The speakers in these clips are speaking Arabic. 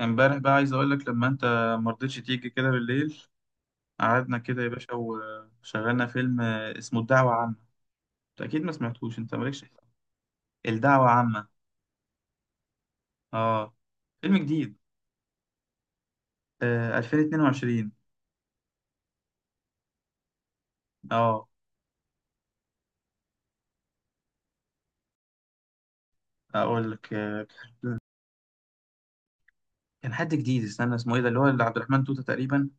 امبارح بقى عايز اقول لك لما انت ما رضيتش تيجي كده بالليل، قعدنا كده يا باشا وشغلنا فيلم اسمه الدعوة عامة. انت اكيد ما سمعتوش، انت مالكش حق. الدعوة عامة، اه فيلم جديد. 2022. اه اقول لك كان حد جديد، استنى اسمه ايه ده، اللي هو اللي عبد الرحمن توتة تقريبا.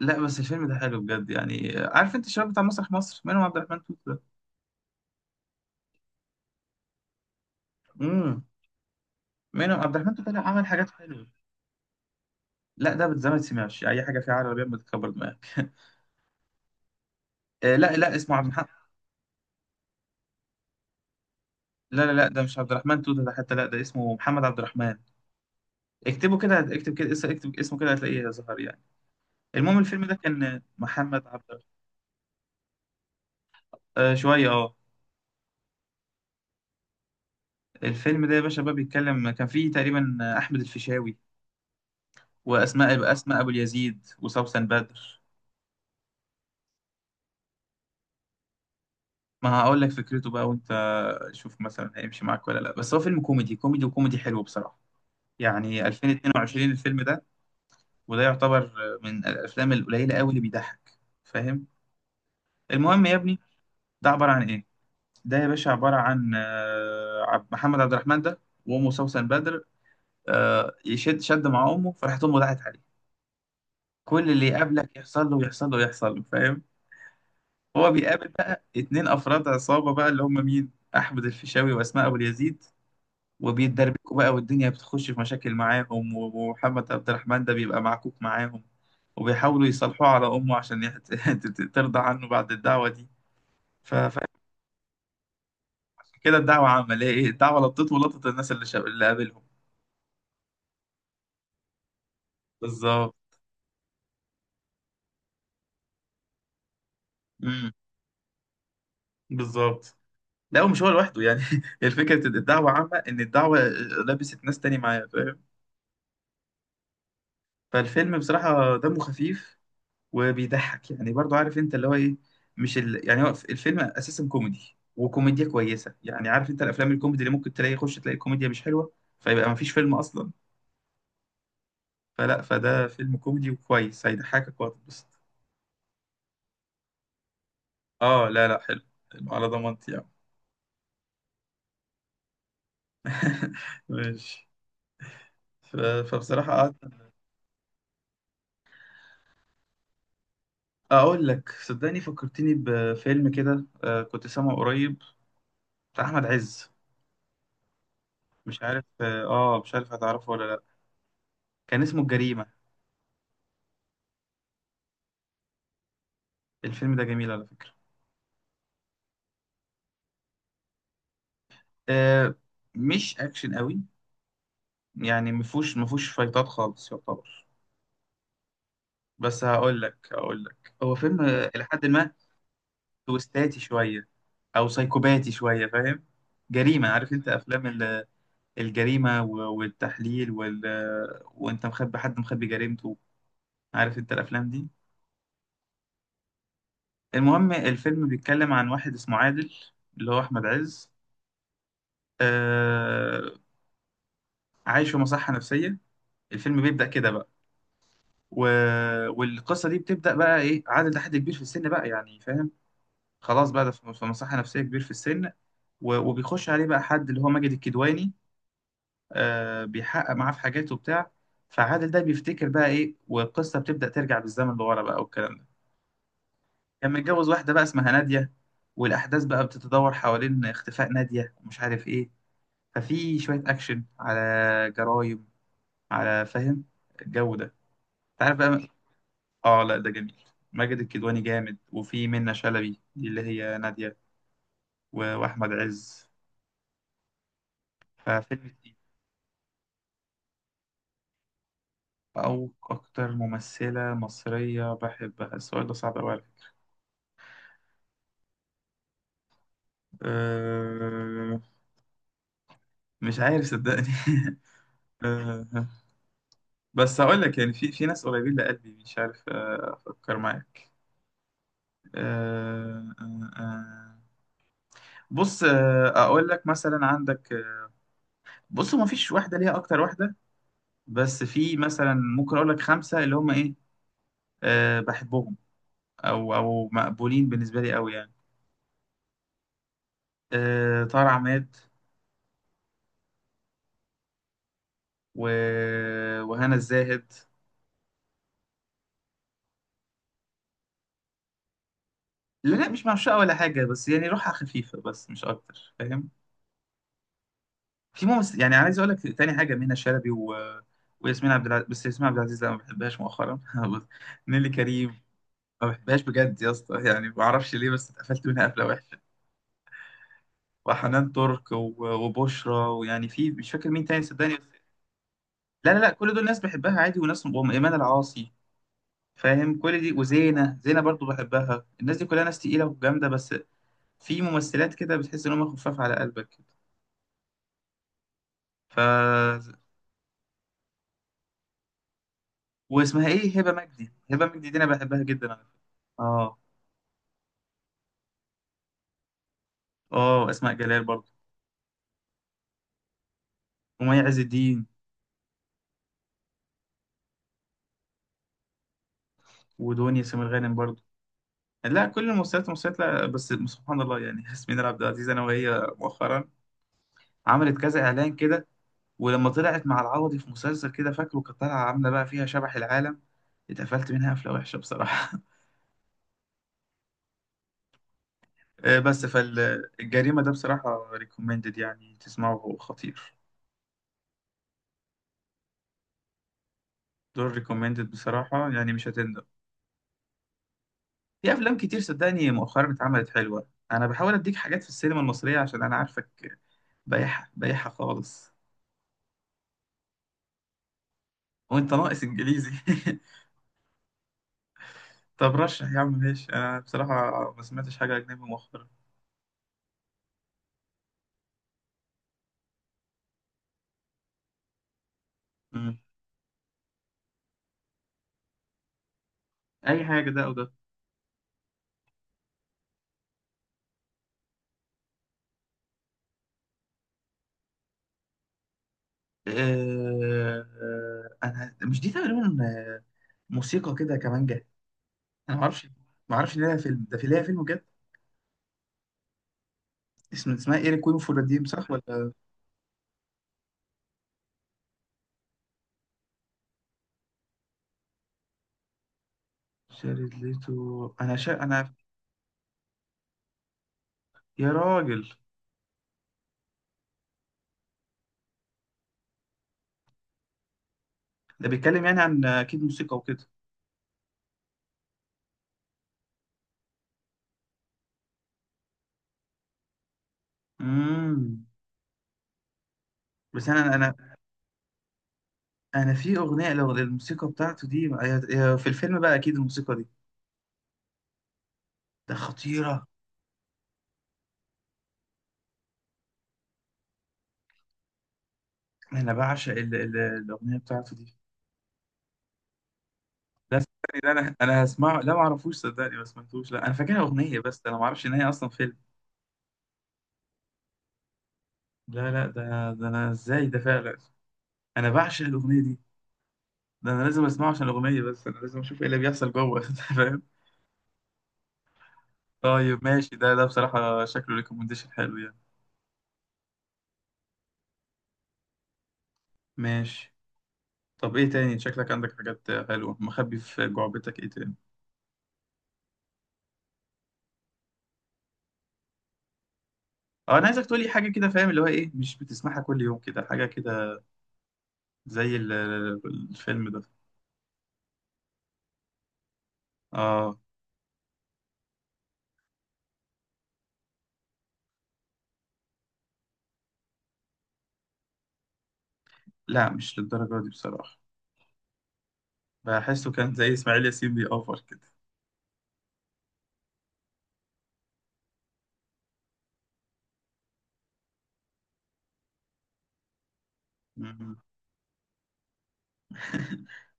لا بس الفيلم ده حلو بجد يعني، عارف انت الشباب بتاع مسرح مصر؟ منهم عبد الرحمن توتة ده. امم منهم عبد الرحمن توتة. لا عمل حاجات حلوة. لا ده بتزمت سمعش اي حاجة فيها عربي، بيعمل تكبر دماغك. لا لا اسمه عبد. لا لا لا ده مش عبد الرحمن توتة ده حتى، لا ده اسمه محمد عبد الرحمن. اكتبه كده، اكتب كده، اكتب اسمه كده هتلاقيه ظهر يعني. المهم الفيلم ده كان محمد عبد الرحمن. آه شوية اه. الفيلم ده يا باشا بقى بيتكلم، كان فيه تقريبا أحمد الفيشاوي أسماء أبو اليزيد وسوسن بدر. ما هقول لك فكرته بقى، وانت شوف مثلا هيمشي معاك ولا لا، بس هو فيلم كوميدي كوميدي وكوميدي حلو بصراحة. يعني 2022 الفيلم ده، وده يعتبر من الأفلام القليلة قوي اللي بيضحك، فاهم؟ المهم يا ابني ده عبارة عن ايه؟ ده يا باشا عبارة عن محمد عبد الرحمن ده، وأمه سوسن بدر. شد مع أمه، فراحت أمه دعت عليه، كل اللي يقابلك يحصل له، يحصل له، يحصل له، فاهم؟ هو بيقابل بقى اتنين أفراد عصابة بقى، اللي هم مين؟ أحمد الفيشاوي وأسماء أبو اليزيد، وبيتدربكوا بقى، والدنيا بتخش في مشاكل معاهم، ومحمد عبد الرحمن ده بيبقى معكوك معاهم. وبيحاولوا يصالحوه على أمه عشان يحت... ترضى عنه بعد الدعوة دي. ف... ف... كده الدعوة عمل ايه؟ الدعوة لطت ولطت الناس اللي قابلهم. بالظبط. امم بالظبط. لا ومش هو لوحده يعني، الفكره الدعوه عامه ان الدعوه لبست ناس تاني معايا، فاهم؟ فالفيلم بصراحه دمه خفيف وبيضحك يعني، برضو عارف انت اللي هو ايه؟ مش ال... يعني هو الفيلم اساسا كوميدي وكوميديا كويسه، يعني عارف انت الافلام الكوميدي اللي ممكن تلاقي يخش تلاقي كوميديا مش حلوه، فيبقى ما فيش فيلم اصلا. فلا فده فيلم كوميدي وكويس، هيضحكك وهتتبسط. اه لا لا حلو، حلو على ضمانتي يعني. ماشي. فبصراحه اقول لك صدقني، فكرتني بفيلم كده، كنت سامعه قريب بتاع احمد عز. مش عارف اه، مش عارف هتعرفه ولا لا. كان اسمه الجريمة. الفيلم ده جميل على فكرة. آه مش اكشن قوي يعني، مفهوش فايتات خالص يعتبر. بس هقول لك، هو فيلم، الى حد ما تويستاتي شوية او سايكوباتي شوية، فاهم؟ جريمة، عارف انت افلام الجريمة والتحليل وانت مخبي حد، مخبي جريمته، عارف انت الافلام دي. المهم الفيلم بيتكلم عن واحد اسمه عادل، اللي هو احمد عز. آه. عايش في مصحة نفسية، الفيلم بيبدأ كده بقى. و... والقصة دي بتبدأ بقى ايه، عادل ده حد كبير في السن بقى يعني، فاهم؟ خلاص بقى ده في مصحة نفسية كبير في السن. وبيخش عليه بقى حد اللي هو ماجد الكدواني. آه بيحقق معاه في حاجاته وبتاع. فعادل ده بيفتكر بقى ايه، والقصة بتبدأ ترجع بالزمن لورا بقى والكلام ده. كان متجوز واحدة بقى اسمها نادية، والأحداث بقى بتتدور حوالين اختفاء نادية ومش عارف ايه. ففي شوية أكشن على جرايم، على فاهم الجو ده، أنت عارف بقى. آه لا ده جميل، ماجد الكدواني جامد، وفي منة شلبي دي اللي هي نادية، وأحمد عز. ففيلم تقيل. أو أكتر ممثلة مصرية بحبها، السؤال ده صعب أوي عليا. أه... مش عارف صدقني. أه... بس هقول لك يعني، في ناس قريبين لقلبي، مش عارف، أفكر معاك. أه... أه... أه... بص، اقول لك مثلا عندك، بص ما فيش واحدة ليها أكتر واحدة، بس في مثلا ممكن أقول لك خمسة اللي هم إيه، أه بحبهم، أو مقبولين بالنسبة لي أوي يعني. أه طارق عماد، و... وهنا الزاهد. لا لا مش معشقة ولا حاجة، بس يعني روحها خفيفة بس، مش أكتر، فاهم؟ في ممثل يعني عايز أقول لك تاني حاجة، منى شلبي وياسمين عبد العزيز، بس ياسمين عبد العزيز لا ما بحبهاش مؤخرا. نيلي كريم ما بحبهاش بجد يا اسطى، يعني ما أعرفش ليه، بس اتقفلت منها قفلة وحشة. وحنان ترك وبشرى، ويعني في مش فاكر مين تاني صدقني. بس لا لا لا، كل دول ناس بحبها عادي، وناس، وأم إيمان العاصي، فاهم؟ كل دي وزينة، برضو بحبها، الناس دي كلها ناس تقيلة وجامدة بس. في ممثلات كده بتحس إن هم خفاف على قلبك كده. ف، واسمها إيه، هبة مجدي، هبة مجدي دي أنا بحبها جدا على فكرة. آه. آه أسماء جلال برضو، ومي عز الدين، ودنيا سمير غانم برضو. لا كل الممثلات لا، بس سبحان الله يعني، ياسمين عبد العزيز أنا وهي مؤخرا، عملت كذا إعلان كده، ولما طلعت مع العوضي في مسلسل كده فاكره كانت طالعه عامله بقى فيها شبح العالم، اتقفلت منها قفله وحشه بصراحه. بس فالجريمه ده بصراحه ريكومندد يعني تسمعه، هو خطير. دول ريكومندد بصراحه يعني مش هتندم. في افلام كتير صدقني مؤخرا اتعملت حلوه، انا بحاول اديك حاجات في السينما المصريه عشان انا عارفك، بايحه خالص. وانت ناقص انجليزي؟ طب رشح يا عم ماشي، انا بصراحه ما سمعتش حاجه اجنبي مؤخرا. مم. اي حاجه، ده او ده. انا مش دي تقريبا، موسيقى كده كمانجا. انا ما اعرفش، ما اعرفش ان ليها فيلم، ده في ليها فيلم بجد؟ اسمها ايري كوين فور ريديم صح ولا؟ شارد ليتو، انا. يا راجل، ده بيتكلم يعني عن اكيد موسيقى وكده. امم. بس انا في اغنيه، لو الموسيقى بتاعته دي هي في الفيلم بقى، اكيد الموسيقى دي ده خطيره. انا بعشق الاغنيه بتاعته دي. لا صدقني لا، انا هسمعه، لا ما اعرفوش صدقني ما سمعتوش، لا انا فاكرها اغنيه بس انا ما اعرفش ان هي اصلا فيلم. لا لا ده ده انا ازاي ده فعلا، انا بعشق الاغنيه دي، ده انا لازم اسمعه عشان الاغنيه، بس انا لازم اشوف ايه اللي بيحصل جوه. أنت فاهم؟ طيب ماشي، ده بصراحه شكله ريكومنديشن حلو يعني. ماشي. طب ايه تاني، شكلك عندك حاجات حلوه مخبي في جعبتك، ايه تاني؟ اه انا عايزك تقولي حاجه كده فاهم، اللي هو ايه، مش بتسمعها كل يوم كده، حاجه كده زي الفيلم ده. اه لا مش للدرجه دي بصراحه، بحسه كان زي اسماعيل ياسين بيأوفر كده. مم.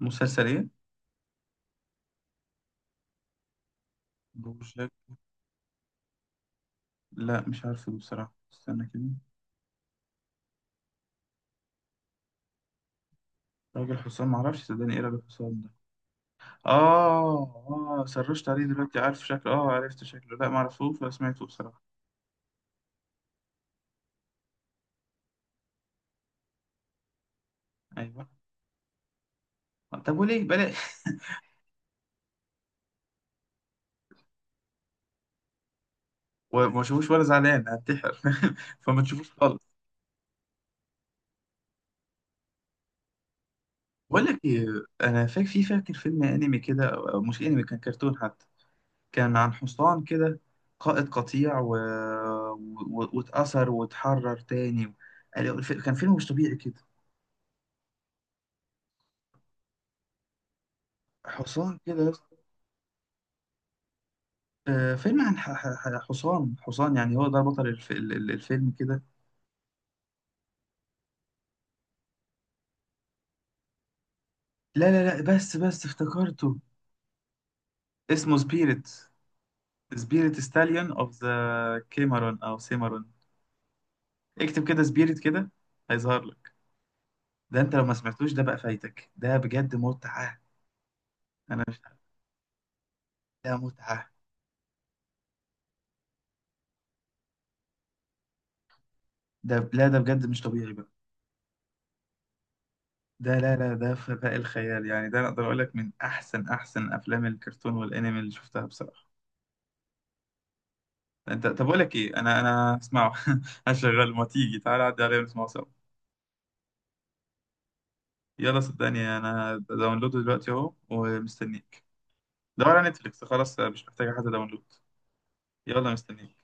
مسلسل ايه؟ بوشك. لا مش عارفه بصراحة، استنى كده. راجل حسام معرفش صدقني، ايه راجل حسام ده؟ اه. اه سرشت عليه دلوقتي عارف شكله، اه عرفت شكله، لا معرفوش ولا سمعته بصراحة. ايوه، طب وليه؟ بلاش. وما اشوفوش ولا زعلان هنتحر. فما تشوفوش خالص. بقول لك ايه، انا فاكر في فاكر فيلم انمي كده أو مش انمي كان كرتون حتى، كان عن حصان كده قائد قطيع واتأثر واتحرر تاني، كان فيلم مش طبيعي كده. حصان كده يا اسطى. فيلم عن حصان يعني، هو ده بطل الفيلم كده. لا لا لا بس افتكرته، اسمه سبيريت، سبيريت ستاليون اوف ذا كيمرون او سيمرون. اكتب كده سبيريت كده هيظهر لك، ده انت لو ما سمعتوش ده بقى فايتك، ده بجد متعة. انا مش، ده متعة، ده لا ده بجد مش طبيعي بقى، ده لا لا ده فداء الخيال يعني، ده انا اقدر اقول لك من احسن افلام الكرتون والانمي اللي شفتها بصراحه. انت طب اقول لك ايه، انا اسمعه. هشغل، ما تيجي تعالى عدي عليا ونسمعه سوا. يلا صدقني انا داونلوده دلوقتي اهو ومستنيك. دور على نتفليكس خلاص مش محتاجه حد داونلود. يلا مستنيك.